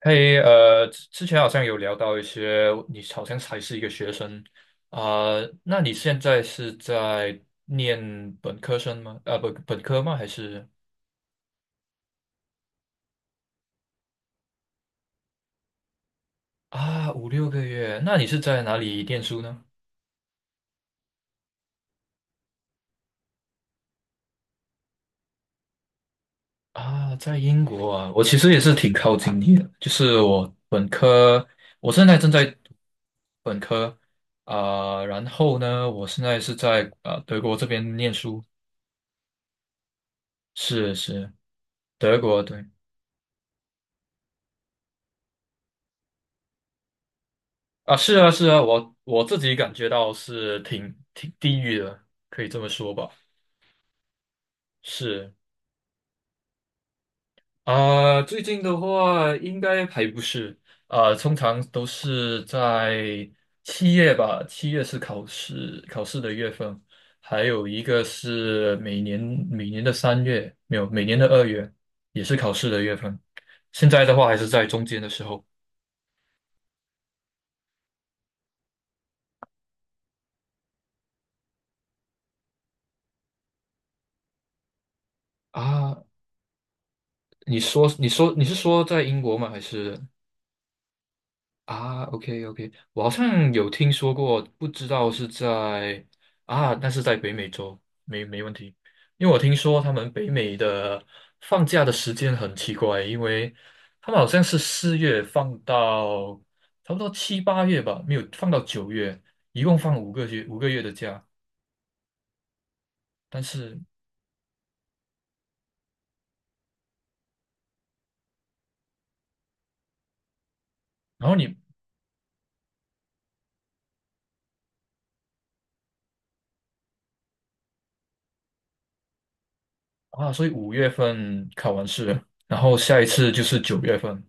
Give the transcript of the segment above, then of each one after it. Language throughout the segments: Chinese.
嘿，之前好像有聊到一些，你好像还是一个学生啊。那你现在是在念本科生吗？啊，本科吗？还是啊，5、6个月？那你是在哪里念书呢？啊，在英国啊，我其实也是挺靠近你的，就是我本科，我现在正在读本科啊。然后呢，我现在是在德国这边念书。是是，德国，对。啊，是啊，是啊，我自己感觉到是挺地狱的，可以这么说吧。是啊，最近的话应该还不是啊。通常都是在七月吧，七月是考试的月份。还有一个是每年的三月，没有，每年的2月也是考试的月份。现在的话还是在中间的时候啊。你说，你说，你是说在英国吗？还是？啊，OK OK，我好像有听说过，不知道是在，那是在北美洲，没问题。因为我听说他们北美的放假的时间很奇怪，因为他们好像是4月放到差不多7、8月吧，没有放到九月，一共放五个月的假。但是然后你啊，所以5月份考完试了然后下一次就是9月份。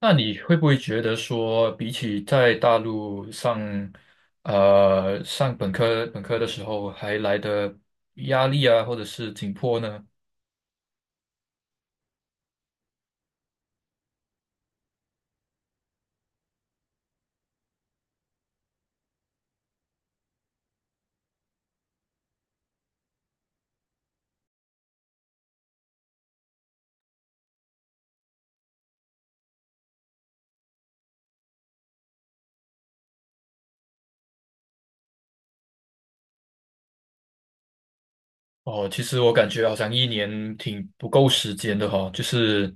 那你会不会觉得说，比起在大陆上，上本科的时候，还来的压力啊，或者是紧迫呢？哦，其实我感觉好像一年挺不够时间的哈、就是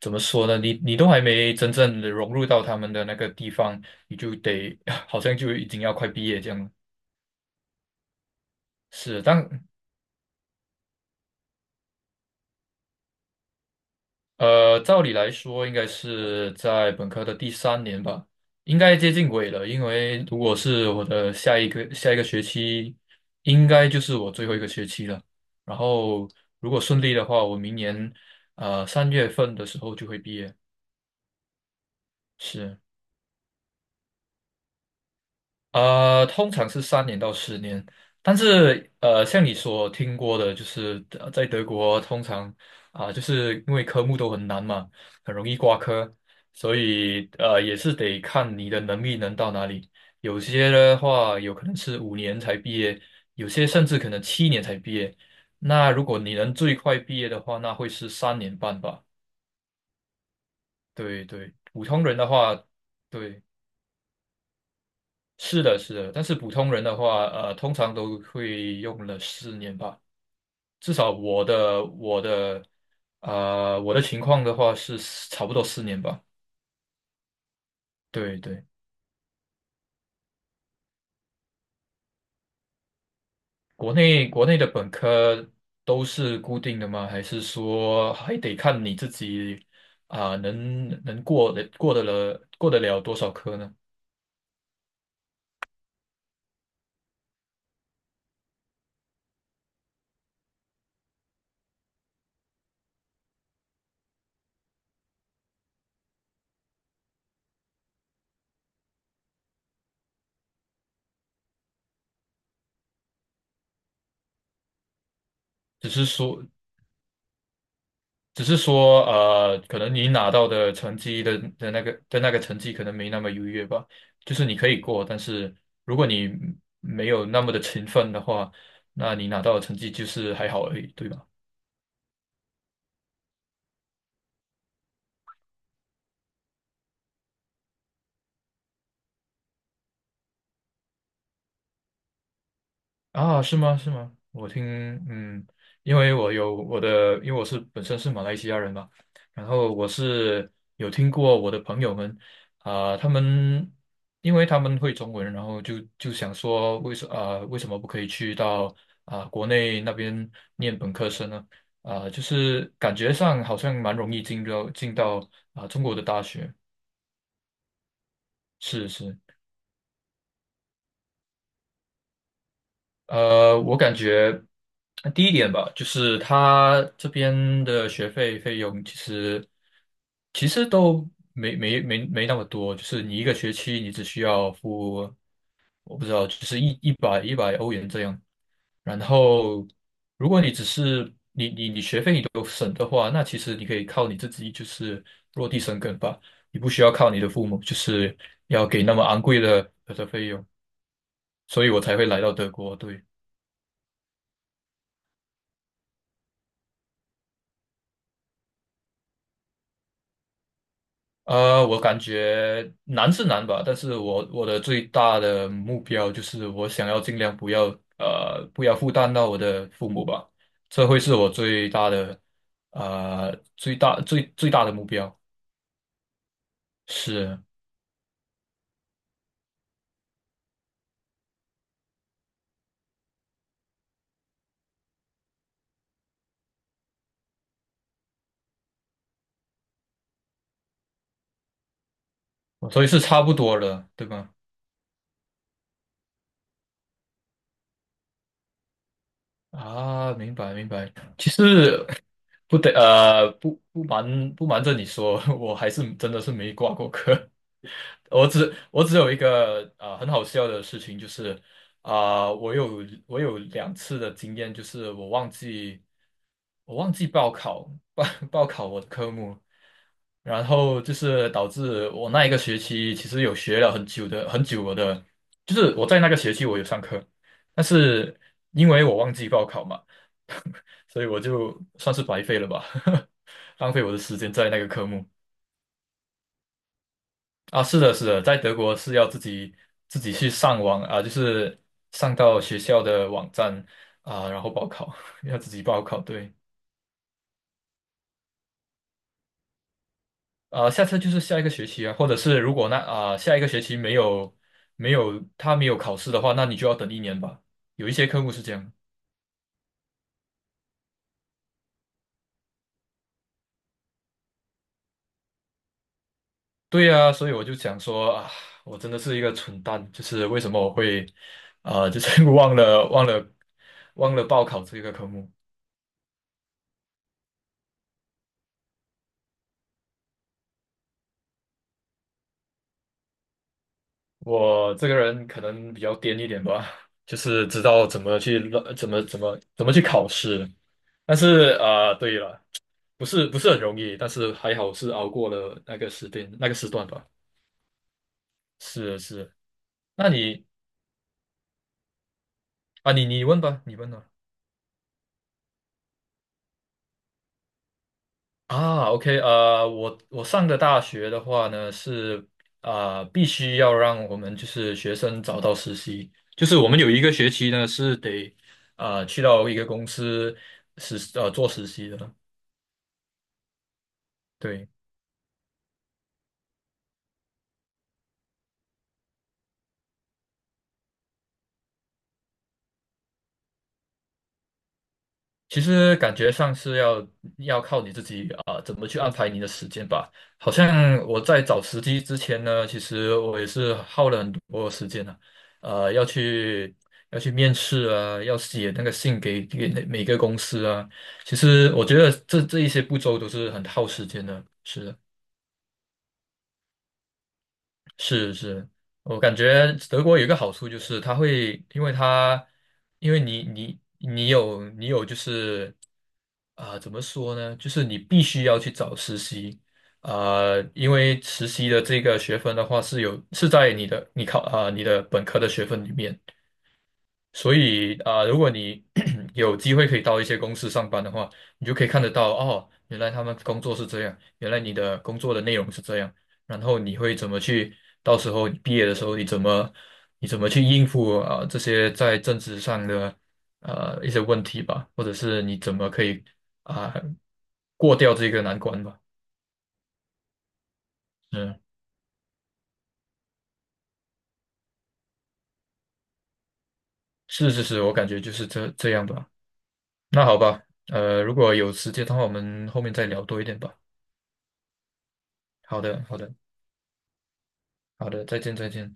怎么说呢，你都还没真正的融入到他们的那个地方，你就得 好像就已经要快毕业这样了。是，但，照理来说，应该是在本科的第3年吧，应该接近尾了。因为如果是我的下一个学期，应该就是我最后一个学期了。然后，如果顺利的话，我明年3月份的时候就会毕业。是。通常是3年到10年。但是像你所听过的，就是在德国通常就是因为科目都很难嘛，很容易挂科。所以也是得看你的能力能到哪里。有些的话，有可能是5年才毕业，有些甚至可能7年才毕业。那如果你能最快毕业的话，那会是3年半吧？对对，普通人的话，对。是的，是的，但是普通人的话，通常都会用了四年吧。至少我的情况的话是差不多四年吧。对对，国内的本科都是固定的吗？还是说还得看你自己能过得了多少科呢？只是说只是说，可能你拿到的成绩的的那个的那个成绩可能没那么优越吧，就是你可以过，但是如果你没有那么的勤奋的话，那你拿到的成绩就是还好而已，对吧？啊，是吗？是吗？我听，嗯，因为我有我的，因为我是本身是马来西亚人嘛，然后我是有听过我的朋友们。啊、他们因为他们会中文，然后就想说为什么不可以去到国内那边念本科生呢？就是感觉上好像蛮容易进到中国的大学。是是。我感觉第一点吧，就是他这边的学费费用其实都没那么多。就是你一个学期你只需要付，我不知道，就是一百欧元这样。然后，如果你只是你你你学费你都省的话，那其实你可以靠你自己就是落地生根吧，你不需要靠你的父母，就是要给那么昂贵的费用，所以我才会来到德国，对。我感觉难是难吧，但是我的最大的目标就是我想要尽量不要负担到我的父母吧。这会是我最大的目标，是。所以是差不多了，对吧？啊，明白明白。其实不瞒着你说，我还是真的是没挂过科。我只有一个很好笑的事情，就是我有2次的经验。就是我忘记报考我的科目，然后就是导致我那一个学期其实有学了很久我的，就是我在那个学期我有上课，但是因为我忘记报考嘛。所以我就算是白费了吧，浪费我的时间在那个科目。啊，是的，是的，在德国是要自己去上网啊，就是上到学校的网站啊，然后报考，要自己报考。对。啊，下次就是下一个学期啊，或者是如果下一个学期没有考试的话，那你就要等一年吧。有一些科目是这样。对呀，所以我就想说啊，我真的是一个蠢蛋，就是为什么我会啊，就是 忘了报考这个科目。我这个人可能比较癫一点吧，就是知道怎么去乱怎么怎么怎么去考试。但是对了，不是很容易，但是还好是熬过了那个时间那个时段吧。是是，那你啊，你问吧，你问吧。啊，OK，我上的大学的话呢，是必须要让我们就是学生找到实习，就是我们有一个学期呢是得去到一个公司做实习的。对，其实感觉上是要靠你自己怎么去安排你的时间吧。好像我在找时机之前呢，其实我也是耗了很多时间啊，呃，要去要去面试啊，要写那个信给每个公司啊。其实我觉得这一些步骤都是很耗时间的，是的。是是，我感觉德国有一个好处就是它会，因为它，因为你有就是怎么说呢？就是你必须要去找实习。因为实习的这个学分的话是在你的本科的学分里面。所以如果你 有机会可以到一些公司上班的话，你就可以看得到哦，原来他们工作是这样，原来你的工作的内容是这样。然后你会怎么去，到时候你毕业的时候你怎么去应付这些在政治上的一些问题吧，或者是你怎么可以啊、过掉这个难关吧？嗯，是是是，我感觉就是这样吧。那好吧，如果有时间的话，我们后面再聊多一点吧。好的，好的。好的，再见，再见。